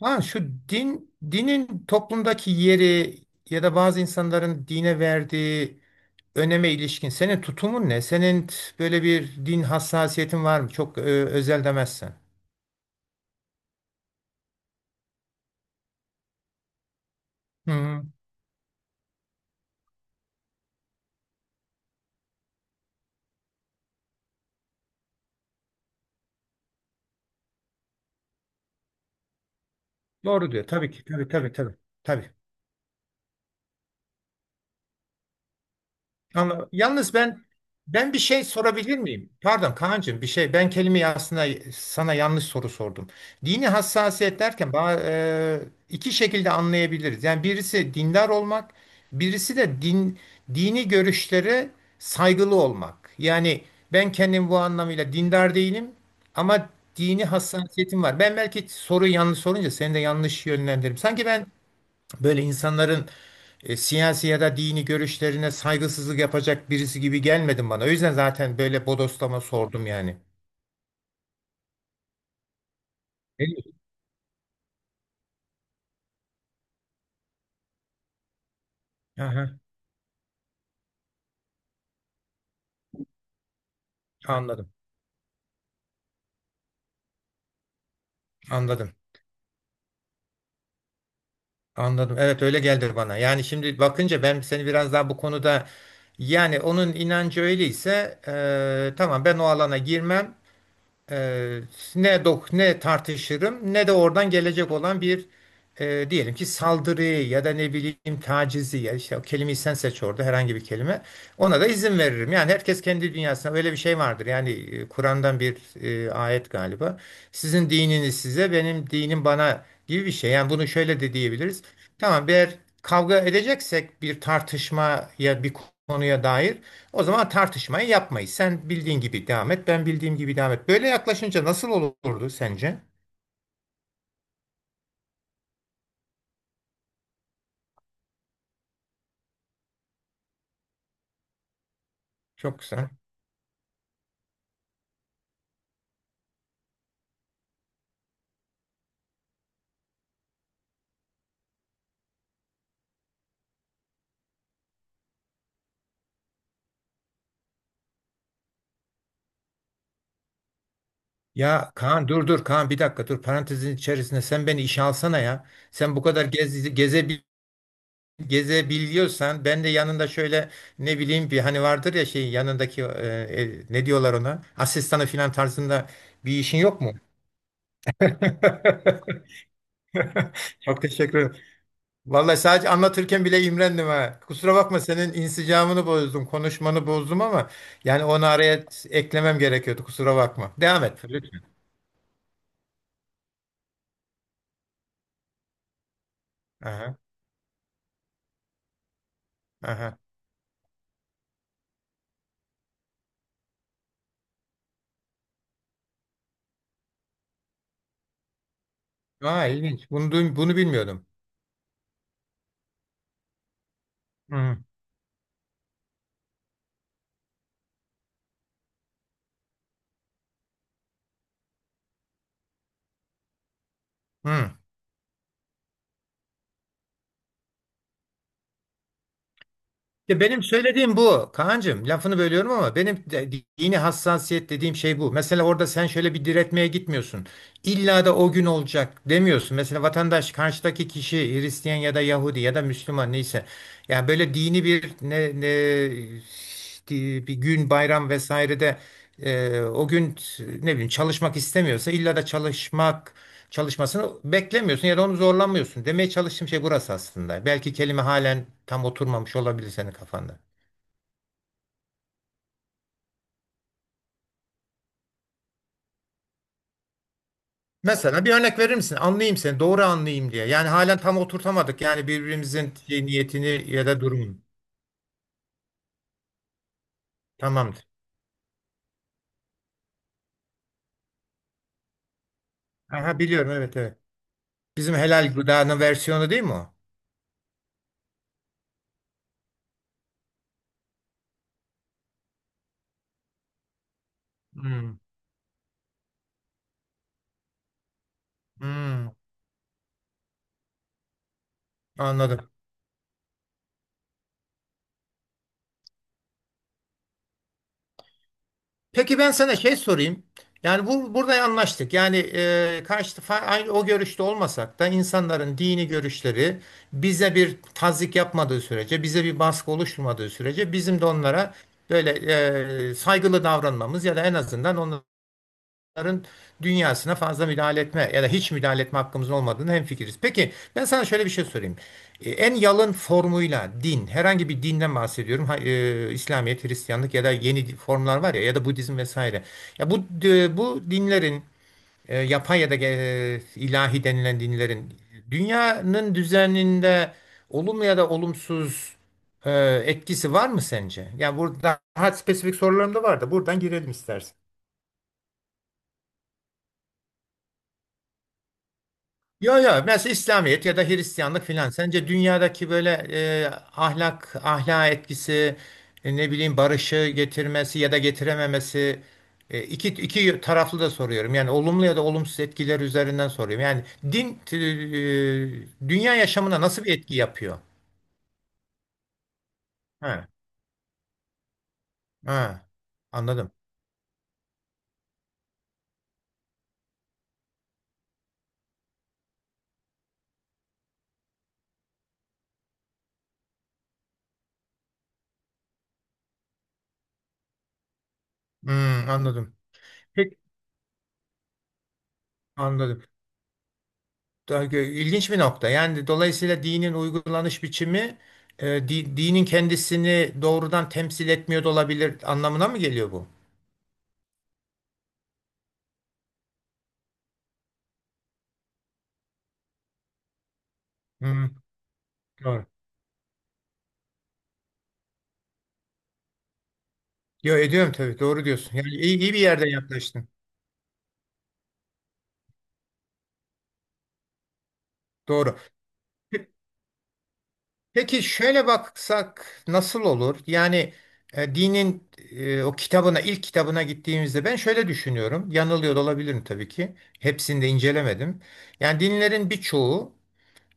Ha şu dinin toplumdaki yeri ya da bazı insanların dine verdiği öneme ilişkin senin tutumun ne? Senin böyle bir din hassasiyetin var mı? Çok özel demezsen. Hı, hı. Doğru diyor. Tabii ki. Tabii, tabii, tabii. Tabii. Ama yalnız ben bir şey sorabilir miyim? Pardon Kaan'cığım, bir şey, ben kelimeyi aslında sana yanlış soru sordum. Dini hassasiyet derken iki şekilde anlayabiliriz. Yani birisi dindar olmak, birisi de dini görüşlere saygılı olmak. Yani ben kendim bu anlamıyla dindar değilim ama dini hassasiyetim var. Ben belki soruyu yanlış sorunca seni de yanlış yönlendirdim. Sanki ben böyle insanların siyasi ya da dini görüşlerine saygısızlık yapacak birisi gibi gelmedin bana. O yüzden zaten böyle bodoslama sordum yani. Ne diyorsun? Aha, anladım. Anladım. Anladım. Evet, öyle geldi bana. Yani şimdi bakınca ben seni biraz daha bu konuda, yani onun inancı öyleyse tamam, ben o alana girmem. Eee, Ne ne tartışırım ne de oradan gelecek olan bir diyelim ki saldırıyı ya da ne bileyim tacizi, ya işte o kelimeyi sen seç, orada herhangi bir kelime, ona da izin veririm. Yani herkes kendi dünyasına, böyle bir şey vardır. Yani Kur'an'dan bir ayet galiba. Sizin dininiz size, benim dinim bana gibi bir şey. Yani bunu şöyle de diyebiliriz. Tamam, eğer kavga edeceksek bir tartışmaya, bir konuya dair, o zaman tartışmayı yapmayız. Sen bildiğin gibi devam et, ben bildiğim gibi devam et. Böyle yaklaşınca nasıl olurdu sence? Çok güzel. Ya Kaan, dur dur Kaan, bir dakika dur, parantezin içerisinde sen beni işe alsana ya. Sen bu kadar gezebiliyorsan ben de yanında şöyle, ne bileyim, bir hani vardır ya, şey, yanındaki ne diyorlar ona, asistanı filan tarzında bir işin yok mu? Çok teşekkür ederim. Vallahi sadece anlatırken bile imrendim ha. Kusura bakma, senin insicamını bozdum, konuşmanı bozdum ama yani onu araya eklemem gerekiyordu. Kusura bakma. Devam et lütfen. Aha, aha. Aa, ilginç. Bunu bilmiyordum. Hı, hı. Ya benim söylediğim bu Kaan'cığım. Lafını bölüyorum ama benim de dini hassasiyet dediğim şey bu. Mesela orada sen şöyle bir diretmeye gitmiyorsun. İlla da o gün olacak demiyorsun. Mesela vatandaş, karşıdaki kişi Hristiyan ya da Yahudi ya da Müslüman, neyse. Yani böyle dini bir bir gün bayram vesairede o gün, ne bileyim, çalışmak istemiyorsa illa da çalışmasını beklemiyorsun ya da onu zorlanmıyorsun. Demeye çalıştığım şey burası aslında. Belki kelime halen tam oturmamış olabilir senin kafanda. Mesela bir örnek verir misin? Anlayayım seni, doğru anlayayım diye. Yani halen tam oturtamadık yani birbirimizin şey, niyetini ya da durumunu. Tamamdır. Aha, biliyorum, evet evet. Bizim helal gıdanın versiyonu değil mi o? Hmm. Hmm, anladım. Peki, ben sana şey sorayım. Yani bu burada anlaştık. Yani karşı aynı o görüşte olmasak da insanların dini görüşleri bize bir tazyik yapmadığı sürece, bize bir baskı oluşturmadığı sürece bizim de onlara böyle saygılı davranmamız ya da en azından onların dünyasına fazla müdahale etme ya da hiç müdahale etme hakkımızın olmadığını hemfikiriz. Peki ben sana şöyle bir şey sorayım. En yalın formuyla din, herhangi bir dinden bahsediyorum. İslamiyet, Hristiyanlık ya da yeni formlar var ya, ya da Budizm vesaire. Ya bu bu dinlerin, yapay ya da ilahi denilen dinlerin dünyanın düzeninde olumlu ya da olumsuz e, etkisi var mı sence? Ya burada daha spesifik sorularım da var da buradan girelim istersen. Ya, ya mesela İslamiyet ya da Hristiyanlık filan. Sence dünyadaki böyle e, ahlak etkisi, ne bileyim, barışı getirmesi ya da getirememesi, iki taraflı da soruyorum. Yani olumlu ya da olumsuz etkiler üzerinden soruyorum. Yani din, dünya yaşamına nasıl bir etki yapıyor? Ha, ha, anladım. Hmm, anladım. Peki, anladım. İlginç bir nokta. Yani dolayısıyla dinin uygulanış biçimi dinin kendisini doğrudan temsil etmiyor da olabilir anlamına mı geliyor bu? Hı, doğru. Yo, ediyorum tabii, doğru diyorsun. Yani iyi, iyi bir yerden yaklaştın. Doğru. Pe- Peki şöyle baksak nasıl olur? Yani e, dinin e, o kitabına ilk kitabına gittiğimizde ben şöyle düşünüyorum. Yanılıyor da olabilirim tabii ki. Hepsini de incelemedim. Yani dinlerin birçoğu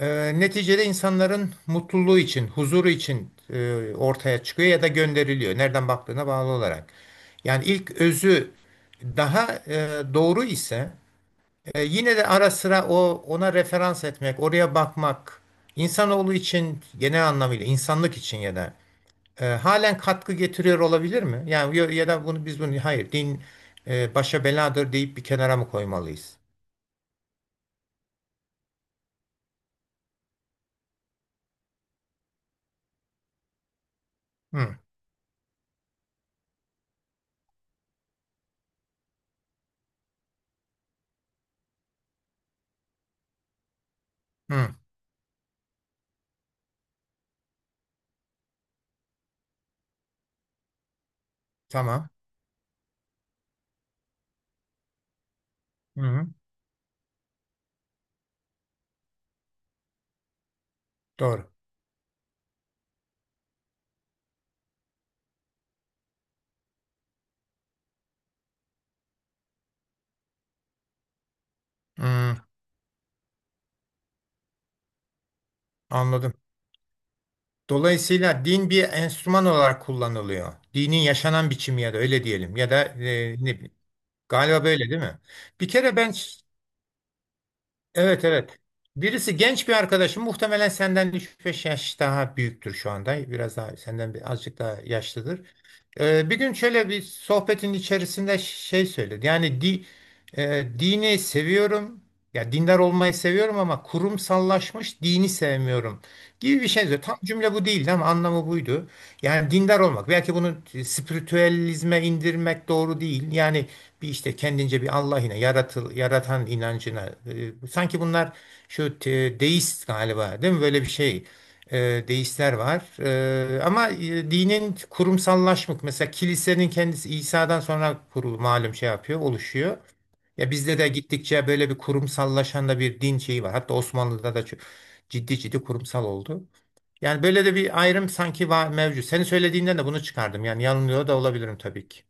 Neticede insanların mutluluğu için, huzuru için ortaya çıkıyor ya da gönderiliyor. Nereden baktığına bağlı olarak. Yani ilk özü daha doğru ise yine de ara sıra o, ona referans etmek, oraya bakmak insanoğlu için, genel anlamıyla insanlık için, ya da halen katkı getiriyor olabilir mi? Yani ya da bunu biz, bunu hayır, din başa beladır deyip bir kenara mı koymalıyız? Hı, hı, tamam. Hı, hı, doğru. Hı, anladım. Dolayısıyla din bir enstrüman olarak kullanılıyor. Dinin yaşanan biçimi, ya da öyle diyelim, ya da ne bileyim. Galiba böyle değil mi? Bir kere ben Evet, evet. Birisi, genç bir arkadaşım, muhtemelen senden üç beş yaş daha büyüktür şu anda. Biraz daha senden bir, azıcık daha yaşlıdır. Bir gün şöyle bir sohbetin içerisinde şey söyledi. Dini seviyorum. Ya dindar olmayı seviyorum ama kurumsallaşmış dini sevmiyorum gibi bir şey söyledi. Tam cümle bu değildi ama anlamı buydu. Yani dindar olmak. Belki bunu spiritüelizme indirmek doğru değil. Yani bir işte kendince bir Allah'ına, yaratan inancına. Sanki bunlar, deist galiba değil mi? Böyle bir şey, deistler var. Ama dinin kurumsallaşmak, mesela kilisenin kendisi İsa'dan sonra kurulu, malum şey yapıyor, oluşuyor. Ya bizde de gittikçe böyle bir kurumsallaşan da bir din şeyi var. Hatta Osmanlı'da da çok ciddi ciddi kurumsal oldu. Yani böyle de bir ayrım sanki var mevcut. Senin söylediğinden de bunu çıkardım. Yani yanılıyor da olabilirim tabii ki.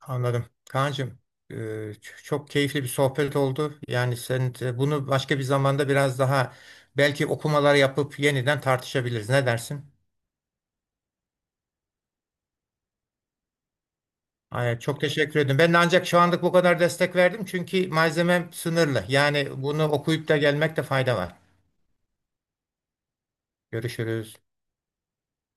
Anladım. Kaan'cığım, e, çok keyifli bir sohbet oldu. Yani sen bunu başka bir zamanda biraz daha, belki okumalar yapıp yeniden tartışabiliriz. Ne dersin? Ay, çok teşekkür ederim. Ben de ancak şu anlık bu kadar destek verdim çünkü malzemem sınırlı. Yani bunu okuyup da gelmekte fayda var. Görüşürüz.